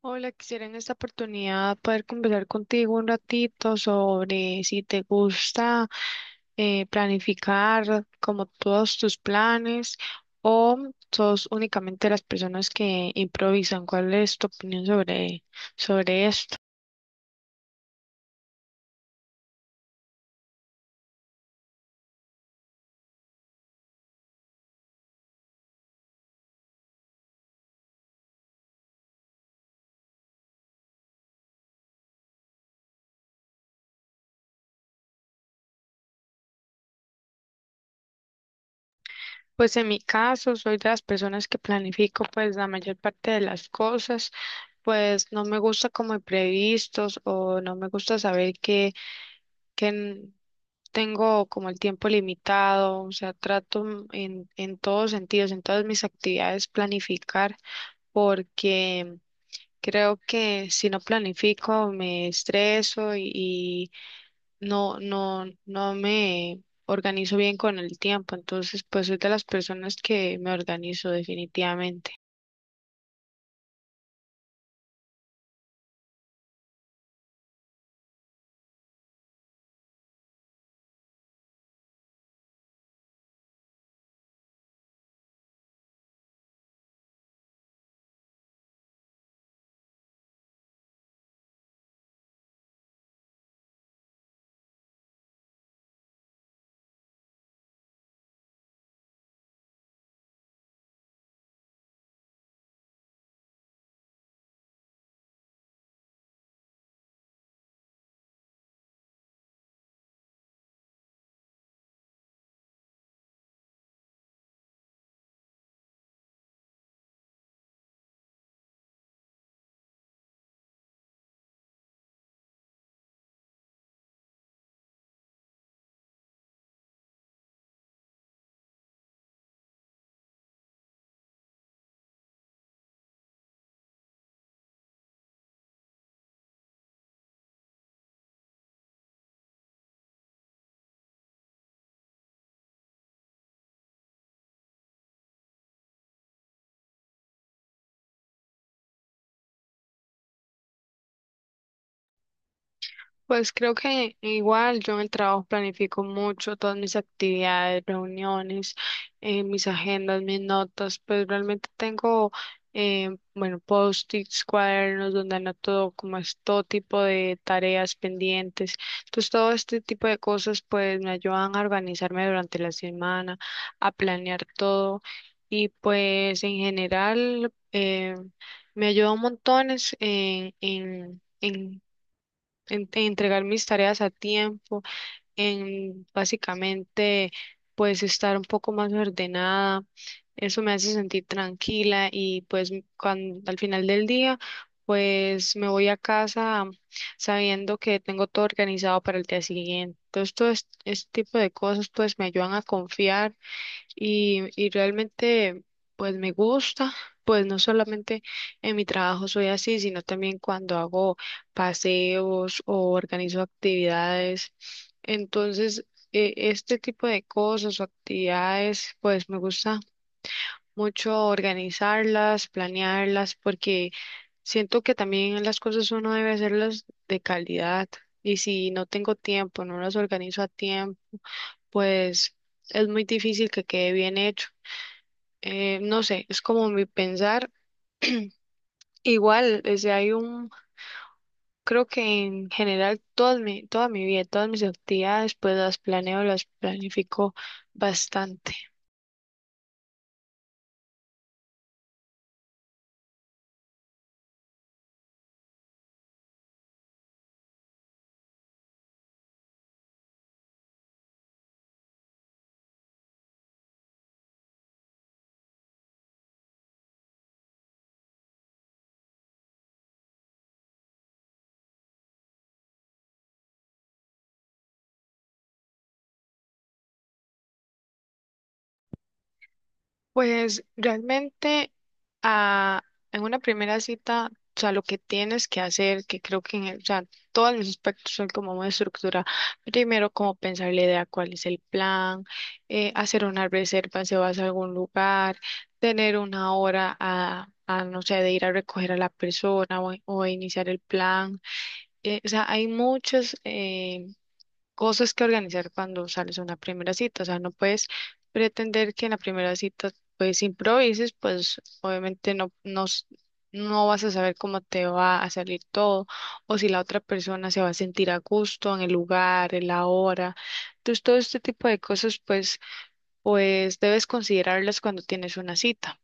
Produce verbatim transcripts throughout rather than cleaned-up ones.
Hola, quisiera en esta oportunidad poder conversar contigo un ratito sobre si te gusta eh, planificar como todos tus planes o sos únicamente las personas que improvisan. ¿Cuál es tu opinión sobre, sobre esto? Pues en mi caso, soy de las personas que planifico pues la mayor parte de las cosas, pues no me gusta como imprevistos o no me gusta saber que, que n- tengo como el tiempo limitado, o sea, trato mm, en, en todos sentidos, en todas mis actividades planificar porque creo que si no planifico me estreso y, y no, no, no me organizo bien con el tiempo, entonces pues soy de las personas que me organizo definitivamente. Pues creo que igual yo en el trabajo planifico mucho todas mis actividades, reuniones, eh, mis agendas, mis notas, pues realmente tengo, eh, bueno, post-its, cuadernos donde anoto como es todo tipo de tareas pendientes. Entonces todo este tipo de cosas pues me ayudan a organizarme durante la semana, a planear todo y pues en general eh, me ayuda un montón es en... en en en- en entregar mis tareas a tiempo, en básicamente pues estar un poco más ordenada. Eso me hace sentir tranquila y pues cuando, al final del día pues me voy a casa sabiendo que tengo todo organizado para el día siguiente. Entonces todo es- este tipo de cosas pues me ayudan a confiar y, y realmente pues me gusta, pues no solamente en mi trabajo soy así, sino también cuando hago paseos o organizo actividades. Entonces, eh, este tipo de cosas o actividades, pues me gusta mucho organizarlas, planearlas, porque siento que también las cosas uno debe hacerlas de calidad. Y si no tengo tiempo, no las organizo a tiempo, pues es muy difícil que quede bien hecho, eh, no sé, es como mi pensar. Igual, desde hay un, creo que en general toda mi, toda mi vida, todas mis actividades, pues las planeo, las planifico bastante. Pues realmente ah, en una primera cita, o sea, lo que tienes que hacer, que creo que en el- o sea, todos los aspectos son como una estructura. Primero, como pensar la idea, cuál es el plan, eh, hacer una reserva si vas a algún lugar, tener una hora a, a, no sé, de ir a recoger a la persona o, o iniciar el plan. Eh, o sea, hay muchos eh, cosas que organizar cuando sales a una primera cita. O sea, no puedes pretender que en la primera cita pues improvises, pues obviamente no, no, s- no vas a saber cómo te va a salir todo o si la otra persona se va a sentir a gusto en el lugar, en la hora. Entonces, todo este tipo de cosas pues, pues debes considerarlas cuando tienes una cita.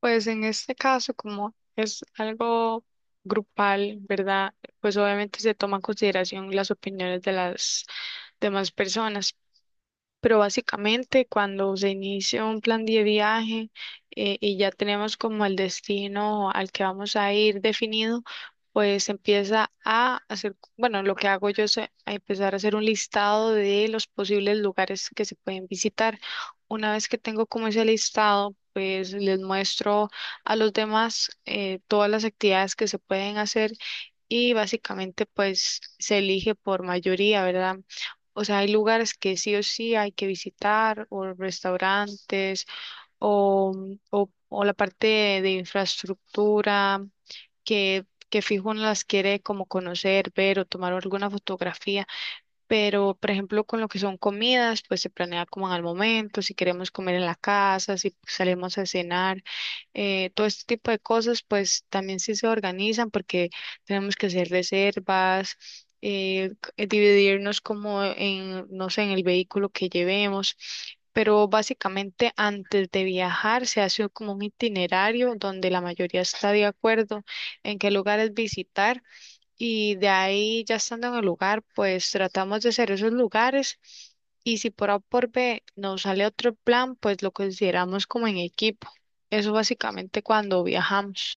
Pues en este caso, como es algo grupal, ¿verdad? Pues obviamente se toma en consideración las opiniones de las demás personas. Pero básicamente cuando se inicia un plan de viaje, eh, y ya tenemos como el destino al que vamos a ir definido, pues empieza a hacer, bueno, lo que hago yo es eh, a empezar a hacer un listado de los posibles lugares que se pueden visitar. Una vez que tengo como ese listado, pues les muestro a los demás eh, todas las actividades que se pueden hacer y básicamente pues se elige por mayoría, ¿verdad? O sea, hay lugares que sí o sí hay que visitar, o restaurantes, o, o, o la parte de, de infraestructura que, que fijo uno las quiere como conocer, ver o tomar alguna fotografía. Pero, por ejemplo, con lo que son comidas, pues se planea como al momento, si queremos comer en la casa, si salimos a cenar, eh, todo este tipo de cosas, pues también sí se organizan porque tenemos que hacer reservas, eh, c- eh, dividirnos como en, no sé, en el vehículo que llevemos. Pero básicamente antes de viajar se hace como un itinerario donde la mayoría está de acuerdo en qué lugares visitar y de ahí, ya estando en el lugar, pues tratamos de hacer esos lugares. Y si por A o por B nos sale otro plan, pues lo consideramos como en equipo. Eso básicamente cuando viajamos.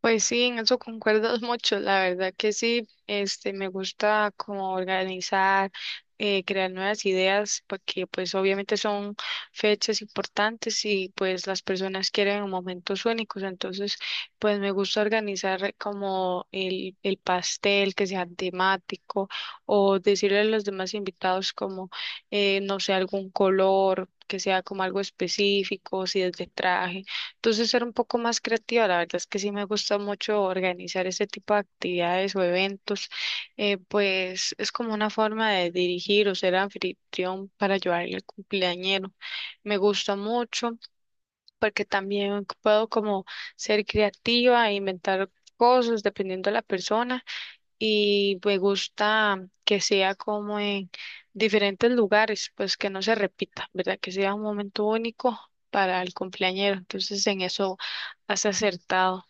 Pues sí, en eso concuerdo mucho, la verdad que sí, este, me gusta como organizar, eh, crear nuevas ideas, porque pues obviamente son fechas importantes y pues las personas quieren momentos únicos, entonces pues me gusta organizar como el, el pastel que sea temático o decirle a los demás invitados como, eh, no sé, algún color, que sea como algo específico, si es de traje. Entonces ser un poco más creativa, la verdad es que sí me gusta mucho organizar este tipo de actividades o eventos, eh, pues es como una forma de dirigir o ser anfitrión para ayudarle al cumpleañero. Me gusta mucho porque también puedo como ser creativa e inventar cosas dependiendo de la persona y me gusta que sea como en diferentes lugares, pues que no se repita, ¿verdad? Que sea un momento único para el cumpleañero. Entonces, en eso has acertado.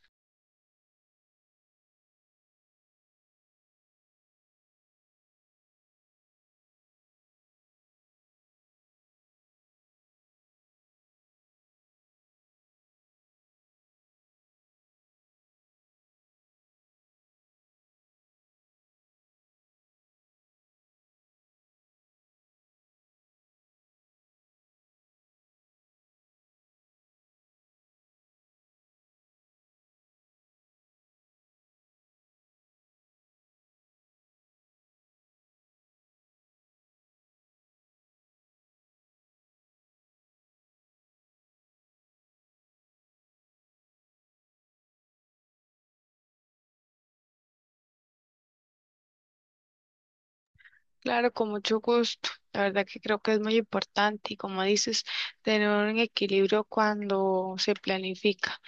Claro, con mucho gusto. La verdad que creo que es muy importante y como dices, tener un equilibrio cuando se planifica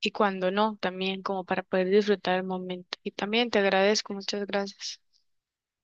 y cuando no, también como para poder disfrutar el momento. Y también te agradezco, muchas gracias.